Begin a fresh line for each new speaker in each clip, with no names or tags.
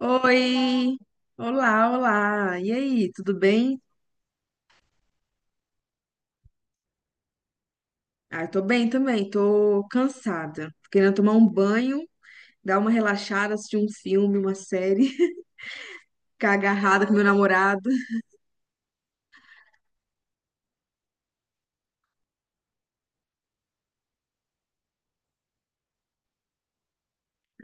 Oi, olá, olá. E aí, tudo bem? Ah, tô bem também, tô cansada. Tô querendo tomar um banho, dar uma relaxada, assistir um filme, uma série, ficar agarrada com meu namorado.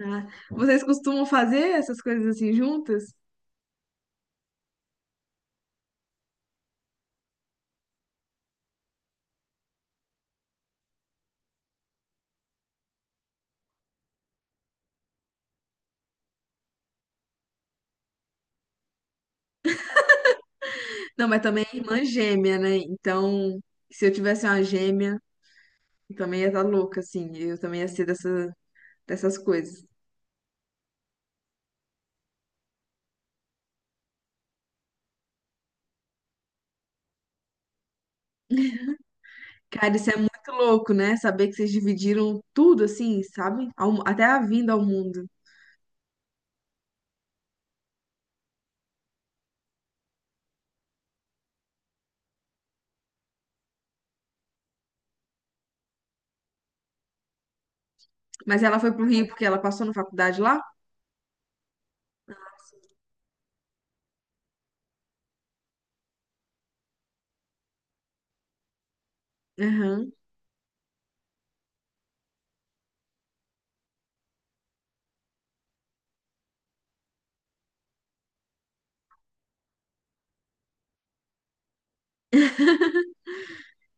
Ah, vocês costumam fazer essas coisas assim juntas? Não, mas também é irmã gêmea, né? Então, se eu tivesse uma gêmea, eu também ia estar louca, assim. Eu também ia ser dessas coisas. Cara, isso é muito louco, né? Saber que vocês dividiram tudo, assim, sabe? Até a vinda ao mundo. Mas ela foi pro Rio porque ela passou na faculdade lá? Aham.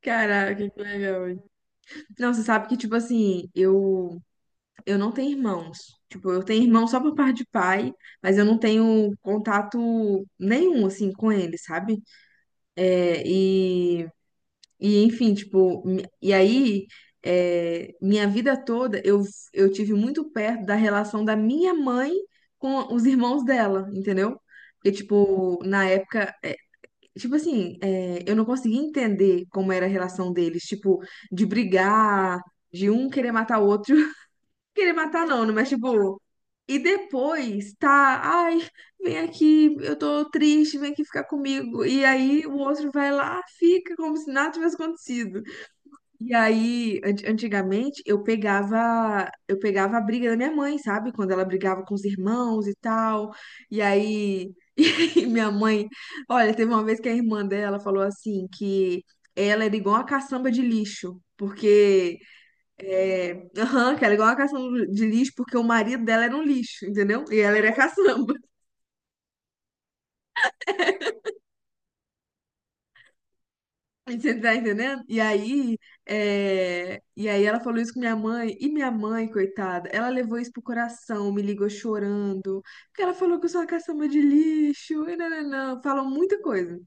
Caraca, que legal, hein? Não, você sabe que, tipo assim, eu não tenho irmãos. Tipo, eu tenho irmão só por parte de pai, mas eu não tenho contato nenhum, assim, com ele, sabe? É, e, Enfim, tipo, e aí, minha vida toda eu tive muito perto da relação da minha mãe com os irmãos dela, entendeu? Porque, tipo, tipo assim, eu não conseguia entender como era a relação deles, tipo, de brigar, de um querer matar o outro. Querer matar não, né? Mas tipo. E depois tá, ai, vem aqui, eu tô triste, vem aqui ficar comigo. E aí o outro vai lá, fica como se nada tivesse acontecido. E aí, antigamente, eu pegava a briga da minha mãe, sabe? Quando ela brigava com os irmãos e tal. E aí, e aí minha mãe, olha, teve uma vez que a irmã dela falou assim que ela era igual a caçamba de lixo, porque aham, que ela era igual a caçamba de lixo porque o marido dela era um lixo, entendeu? E ela era caçamba. Você tá entendendo? E aí, e aí ela falou isso com minha mãe, e minha mãe, coitada, ela levou isso pro coração, me ligou chorando, porque ela falou que eu sou uma caçamba de lixo, e não falam muita coisa.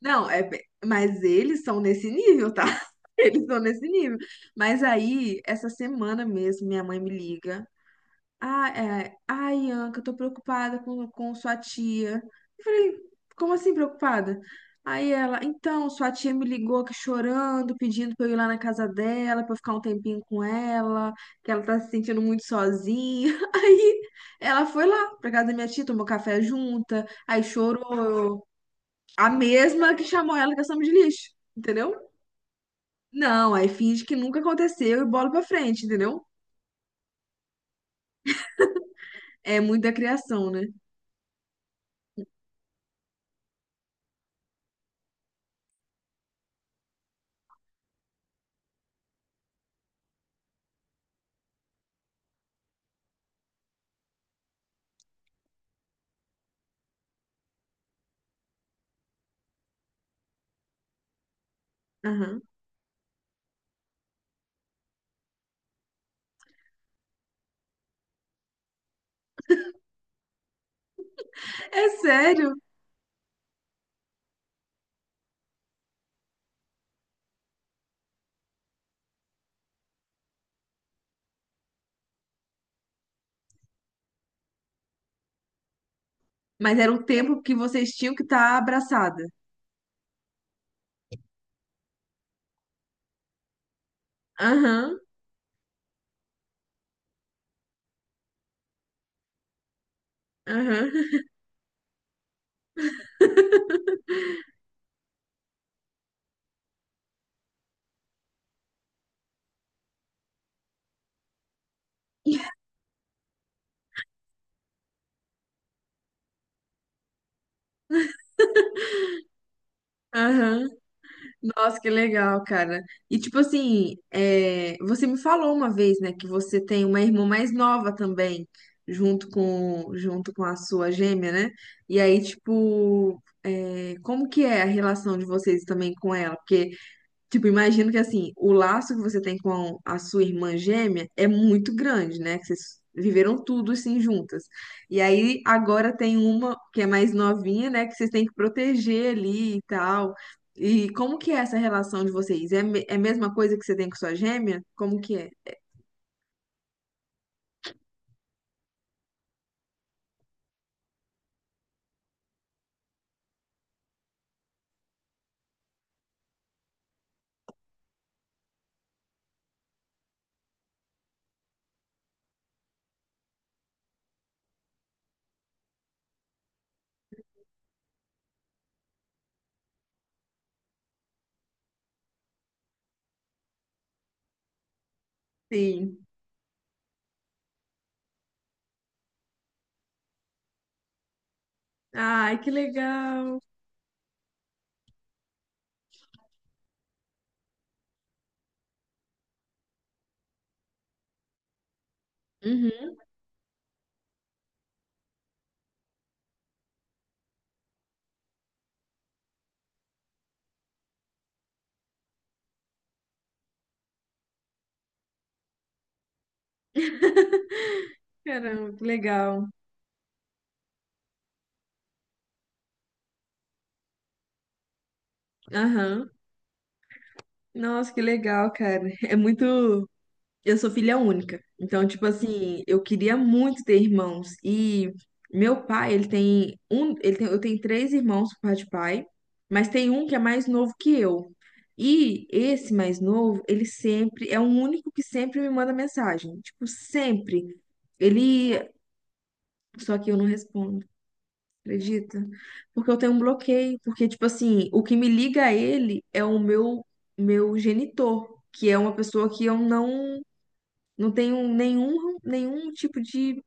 Não, mas eles são nesse nível, tá? Eles são nesse nível. Mas aí, essa semana mesmo, minha mãe me liga. Ah, é. Ai, Anca, eu tô preocupada com sua tia. Eu falei, como assim preocupada? Aí ela, então, sua tia me ligou aqui chorando, pedindo pra eu ir lá na casa dela, pra eu ficar um tempinho com ela, que ela tá se sentindo muito sozinha. Aí ela foi lá pra casa da minha tia, tomou café junta, aí chorou. A mesma que chamou ela de ação de lixo, entendeu? Não, aí finge que nunca aconteceu e bola pra frente, entendeu? É muito da criação, né? Aham. É sério? Mas era um tempo que vocês tinham que estar abraçada. Aham, aham. Aham. Nossa, que legal, cara. E tipo assim, você me falou uma vez, né, que você tem uma irmã mais nova também, junto com a sua gêmea, né? E aí, tipo, como que é a relação de vocês também com ela? Porque tipo, imagino que assim, o laço que você tem com a sua irmã gêmea é muito grande, né? Que vocês viveram tudo assim juntas. E aí agora tem uma que é mais novinha, né? Que vocês têm que proteger ali e tal. E como que é essa relação de vocês? É a mesma coisa que você tem com sua gêmea? Como que é? Sim. Ai, que legal. Uhum. Caramba, que legal. Aham. Nossa, que legal, cara. É muito. Eu sou filha única. Então, tipo assim, eu queria muito ter irmãos. E meu pai, ele tem um, ele tem, eu tenho três irmãos por parte de pai, mas tem um que é mais novo que eu. E esse mais novo, ele sempre é o único que sempre me manda mensagem, tipo, sempre. Ele, só que eu não respondo, acredita? Porque eu tenho um bloqueio, porque tipo assim, o que me liga a ele é o meu genitor, que é uma pessoa que eu não tenho nenhum tipo de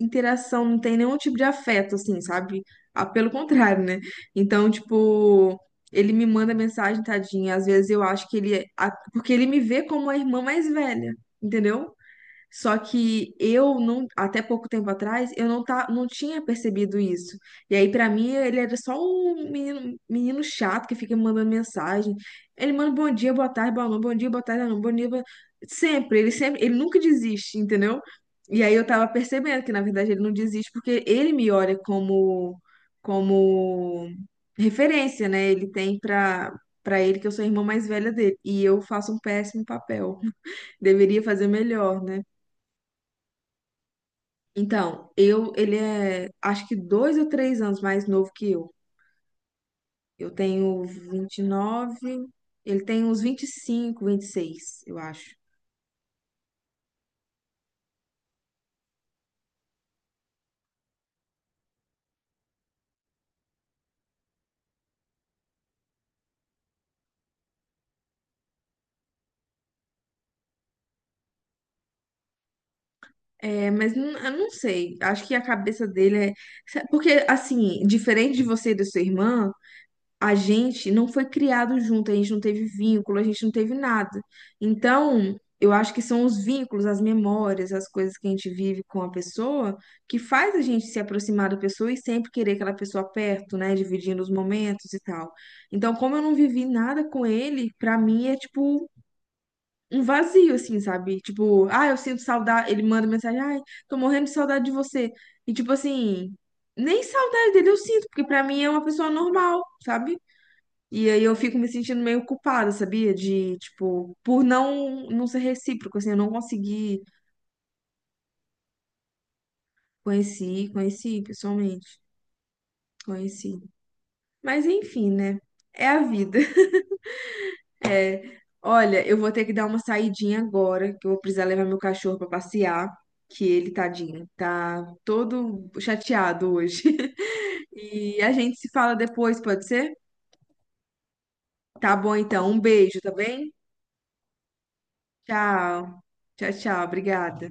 interação, não tem nenhum tipo de afeto, assim, sabe? Ah, pelo contrário, né? Então, tipo, ele me manda mensagem, tadinha. Às vezes eu acho que porque ele me vê como a irmã mais velha, entendeu? Só que eu não, até pouco tempo atrás, eu não, tá, não tinha percebido isso. E aí, pra mim, ele era só um menino, menino chato que fica me mandando mensagem. Ele manda bom dia, boa tarde, boa noite, bom dia, boa tarde, boa noite, bom dia, boa... sempre, ele nunca desiste, entendeu? E aí eu tava percebendo que, na verdade, ele não desiste porque ele me olha como, como referência, né? Ele tem pra, pra ele que eu sou a irmã mais velha dele. E eu faço um péssimo papel. Deveria fazer melhor, né? Então, eu, acho que 2 ou 3 anos mais novo que eu. Eu tenho 29. Ele tem uns 20, 25, 26, eu acho. É, mas não, eu não sei, acho que a cabeça dele é. Porque, assim, diferente de você e da sua irmã, a gente não foi criado junto, a gente não teve vínculo, a gente não teve nada. Então, eu acho que são os vínculos, as memórias, as coisas que a gente vive com a pessoa que faz a gente se aproximar da pessoa e sempre querer aquela pessoa perto, né, dividindo os momentos e tal. Então, como eu não vivi nada com ele, pra mim é tipo um vazio assim, sabe? Tipo, ah, eu sinto saudade, ele manda mensagem, ai, tô morrendo de saudade de você. E tipo assim, nem saudade dele eu sinto, porque pra mim é uma pessoa normal, sabe? E aí eu fico me sentindo meio culpada, sabia? De, tipo, por não ser recíproco, assim, eu não consegui conheci, conheci pessoalmente, conheci. Mas enfim, né? É a vida. Olha, eu vou ter que dar uma saidinha agora, que eu vou precisar levar meu cachorro pra passear, que ele, tadinho, tá todo chateado hoje. E a gente se fala depois, pode ser? Tá bom então, um beijo, tá bem? Tchau. Tchau, tchau, obrigada.